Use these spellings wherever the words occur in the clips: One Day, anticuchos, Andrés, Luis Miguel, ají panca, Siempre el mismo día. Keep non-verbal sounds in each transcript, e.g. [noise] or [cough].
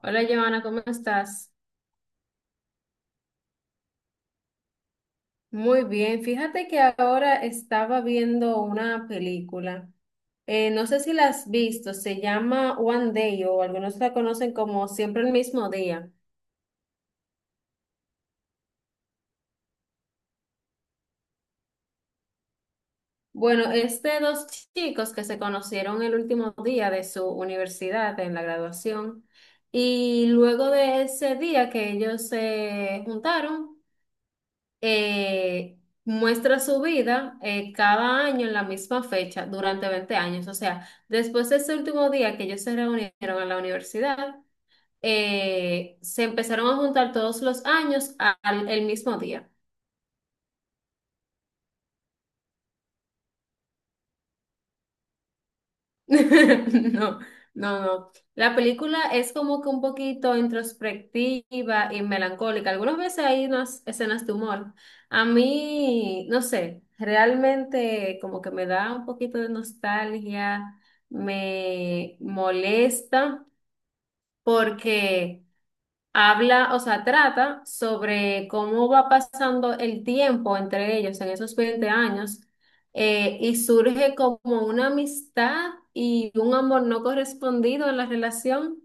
Hola, Joana, ¿cómo estás? Muy bien. Fíjate que ahora estaba viendo una película. No sé si la has visto, se llama One Day o algunos la conocen como Siempre el mismo día. Bueno, es de dos chicos que se conocieron el último día de su universidad en la graduación y luego de ese día que ellos se juntaron, eh, muestra su vida cada año en la misma fecha durante 20 años. O sea, después de ese último día que ellos se reunieron en la universidad, se empezaron a juntar todos los años al el mismo día. [laughs] No, no, no. La película es como que un poquito introspectiva y melancólica. Algunas veces hay unas escenas de humor. A mí, no sé, realmente como que me da un poquito de nostalgia, me molesta porque... Habla, o sea, trata sobre cómo va pasando el tiempo entre ellos en esos 20 años y surge como una amistad y un amor no correspondido en la relación.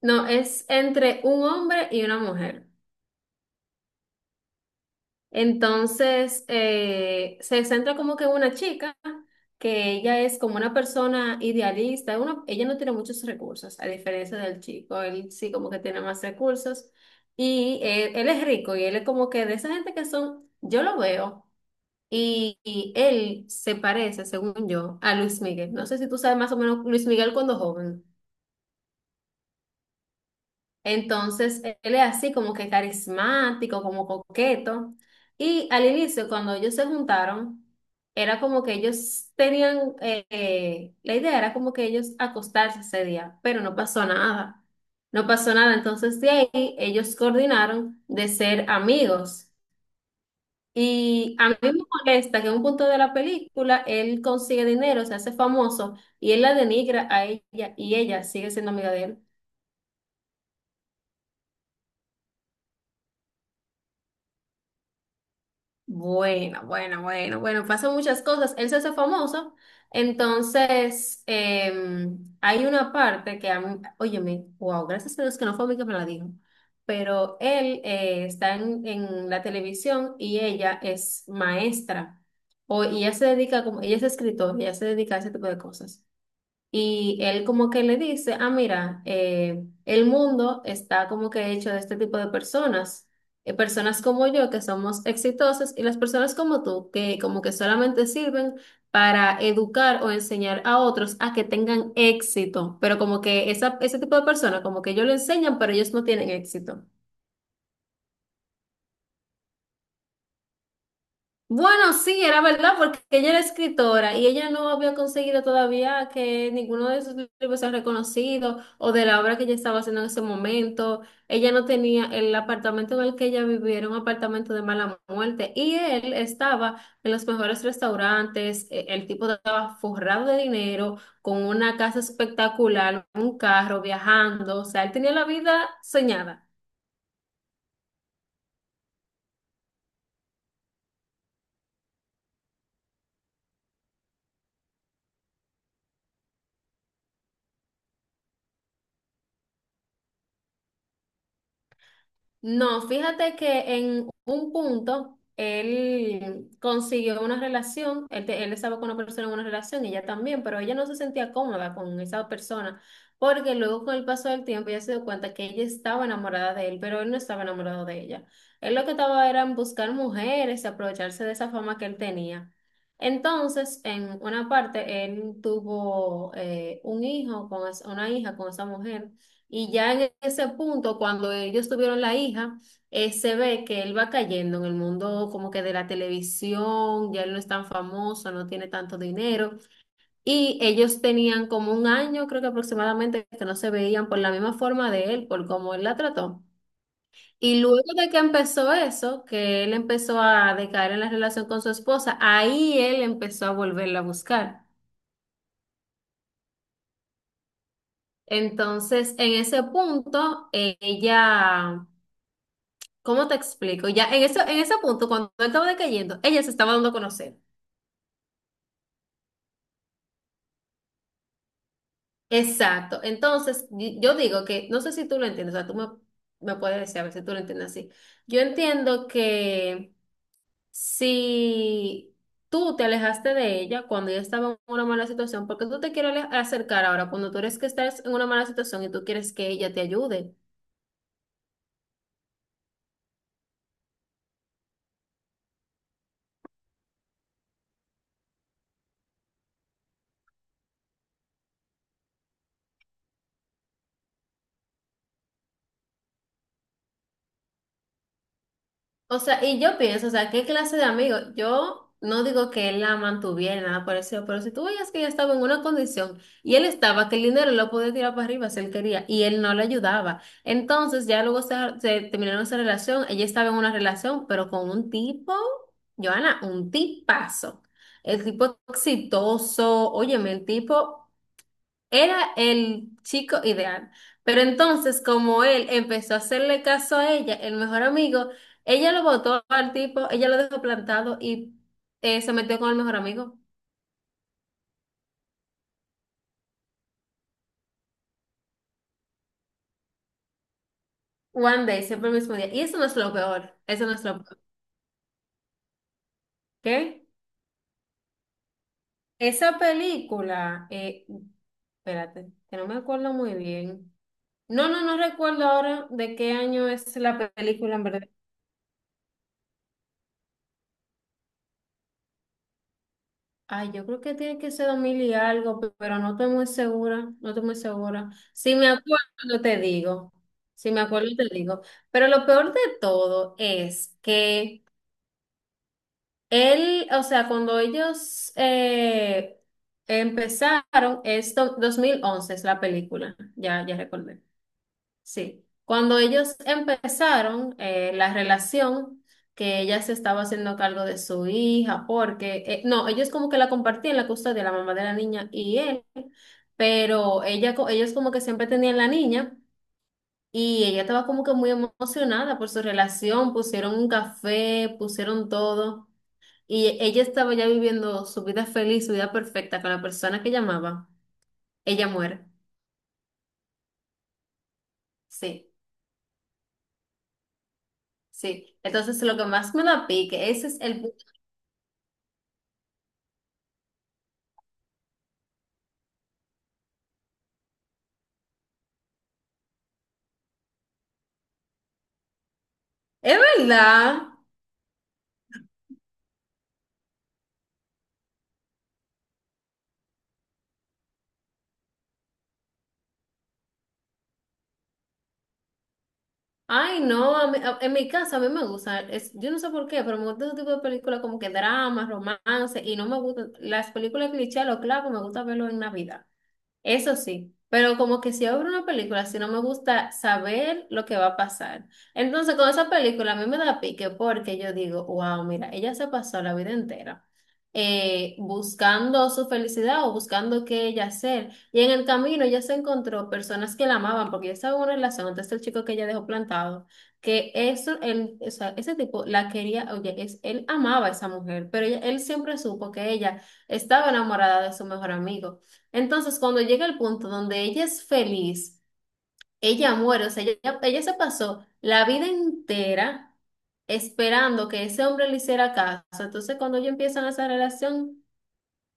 No, es entre un hombre y una mujer. Entonces, se centra como que en una chica que ella es como una persona idealista, ella no tiene muchos recursos, a diferencia del chico, él sí como que tiene más recursos y él es rico y él es como que de esa gente que son, yo lo veo y él se parece, según yo, a Luis Miguel. No sé si tú sabes más o menos Luis Miguel cuando joven. Entonces, él es así como que carismático, como coqueto. Y al inicio, cuando ellos se juntaron, era como que ellos tenían, la idea era como que ellos acostarse ese día, pero no pasó nada. No pasó nada. Entonces, de ahí, ellos coordinaron de ser amigos. Y a mí me molesta que en un punto de la película él consigue dinero, se hace famoso y él la denigra a ella y ella sigue siendo amiga de él. Bueno, bueno, bueno, bueno, pasan muchas cosas. Él se hace famoso. Entonces, hay una parte que, óyeme, wow, gracias a Dios que no fue a mí que me la dijo. Pero él está en la televisión y ella es maestra. O, y ella se dedica, como, ella es escritora, ella se dedica a ese tipo de cosas. Y él como que le dice, ah, mira, el mundo está como que hecho de este tipo de personas, personas como yo que somos exitosas y las personas como tú que como que solamente sirven para educar o enseñar a otros a que tengan éxito, pero como que ese tipo de personas como que ellos lo enseñan, pero ellos no tienen éxito. Bueno, sí, era verdad, porque ella era escritora y ella no había conseguido todavía que ninguno de sus libros sea reconocido o de la obra que ella estaba haciendo en ese momento. Ella no tenía el apartamento en el que ella vivía, era un apartamento de mala muerte y él estaba en los mejores restaurantes, el tipo estaba forrado de dinero, con una casa espectacular, un carro, viajando, o sea, él tenía la vida soñada. No, fíjate que en un punto él consiguió una relación, él estaba con una persona en una relación, ella también, pero ella no se sentía cómoda con esa persona, porque luego con el paso del tiempo ella se dio cuenta que ella estaba enamorada de él, pero él no estaba enamorado de ella. Él lo que estaba era en buscar mujeres y aprovecharse de esa fama que él tenía. Entonces, en una parte, él tuvo un hijo con es- una hija con esa mujer. Y ya en ese punto, cuando ellos tuvieron la hija, se ve que él va cayendo en el mundo como que de la televisión, ya él no es tan famoso, no tiene tanto dinero. Y ellos tenían como un año, creo que aproximadamente, que no se veían por la misma forma de él, por cómo él la trató. Y luego de que empezó eso, que él empezó a decaer en la relación con su esposa, ahí él empezó a volverla a buscar. Entonces, en ese punto, ella... ¿Cómo te explico? Ya en eso, en ese punto, cuando él estaba decayendo, ella se estaba dando a conocer. Exacto. Entonces, yo digo que, no sé si tú lo entiendes, o sea, me puedes decir a ver si tú lo entiendes así. Yo entiendo que si tú te alejaste de ella cuando ella estaba en una mala situación, porque tú te quieres acercar ahora cuando tú eres que estás en una mala situación y tú quieres que ella te ayude. O sea, y yo pienso, o sea, ¿qué clase de amigo? Yo no digo que él la mantuviera, nada parecido, pero si tú veías que ella estaba en una condición y él estaba, que el dinero lo podía tirar para arriba si él quería y él no le ayudaba. Entonces, ya luego se terminaron esa relación, ella estaba en una relación, pero con un tipo, Joana, un tipazo. El tipo exitoso, óyeme, el tipo era el chico ideal. Pero entonces, como él empezó a hacerle caso a ella, el mejor amigo, ella lo botó al tipo, ella lo dejó plantado y se metió con el mejor amigo. One day, siempre el mismo día. Y eso no es lo peor. Eso no es lo peor. ¿Qué? Esa película, espérate, que no me acuerdo muy bien. No, no recuerdo ahora de qué año es la película, en verdad. Ay, yo creo que tiene que ser 2000 y algo, pero no estoy muy segura, no estoy muy segura. Si me acuerdo, te digo. Si me acuerdo, te digo. Pero lo peor de todo es que él, o sea, cuando ellos empezaron, es 2011 es la película, ya recordé. Sí, cuando ellos empezaron la relación, que ella se estaba haciendo cargo de su hija, porque, no, ellos como que la compartían la custodia, la mamá de la niña y él, pero ellos como que siempre tenían la niña y ella estaba como que muy emocionada por su relación, pusieron un café, pusieron todo y ella estaba ya viviendo su vida feliz, su vida perfecta con la persona que llamaba, ella muere. Sí. Sí, entonces lo que más me da pique, ese es el Es verdad. Ay, no, en mi casa a mí me gusta, es, yo no sé por qué, pero me gusta ese tipo de películas como que drama, romance, y no me gustan las películas cliché, lo claro, me gusta verlo en Navidad. Eso sí, pero como que si abro una película, si no me gusta saber lo que va a pasar. Entonces, con esa película a mí me da pique porque yo digo, wow, mira, ella se pasó la vida entera buscando su felicidad o buscando qué ella hacer. Y en el camino ella se encontró personas que la amaban porque ella estaba en una relación, entonces el chico que ella dejó plantado, que eso, él, o sea, ese tipo la quería, oye, es, él amaba a esa mujer, pero él siempre supo que ella estaba enamorada de su mejor amigo. Entonces, cuando llega el punto donde ella es feliz, ella muere, o sea, ella se pasó la vida entera esperando que ese hombre le hiciera caso. Entonces, cuando ellos empiezan esa relación,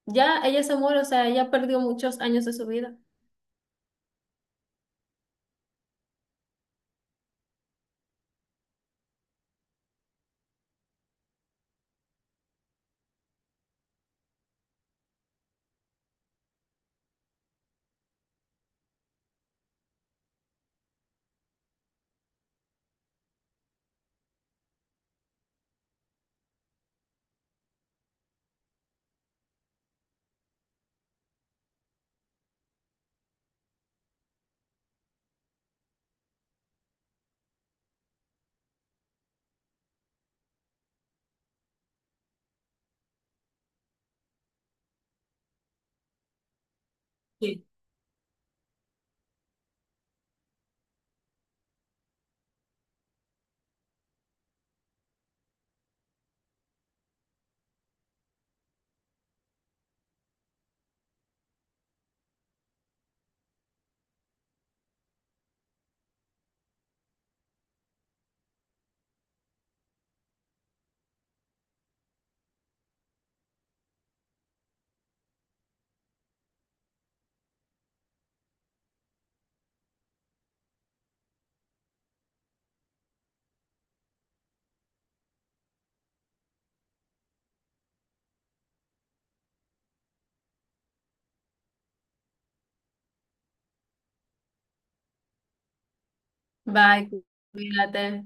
ya ella se muere, o sea, ella perdió muchos años de su vida. Sí. Bye, cuídate.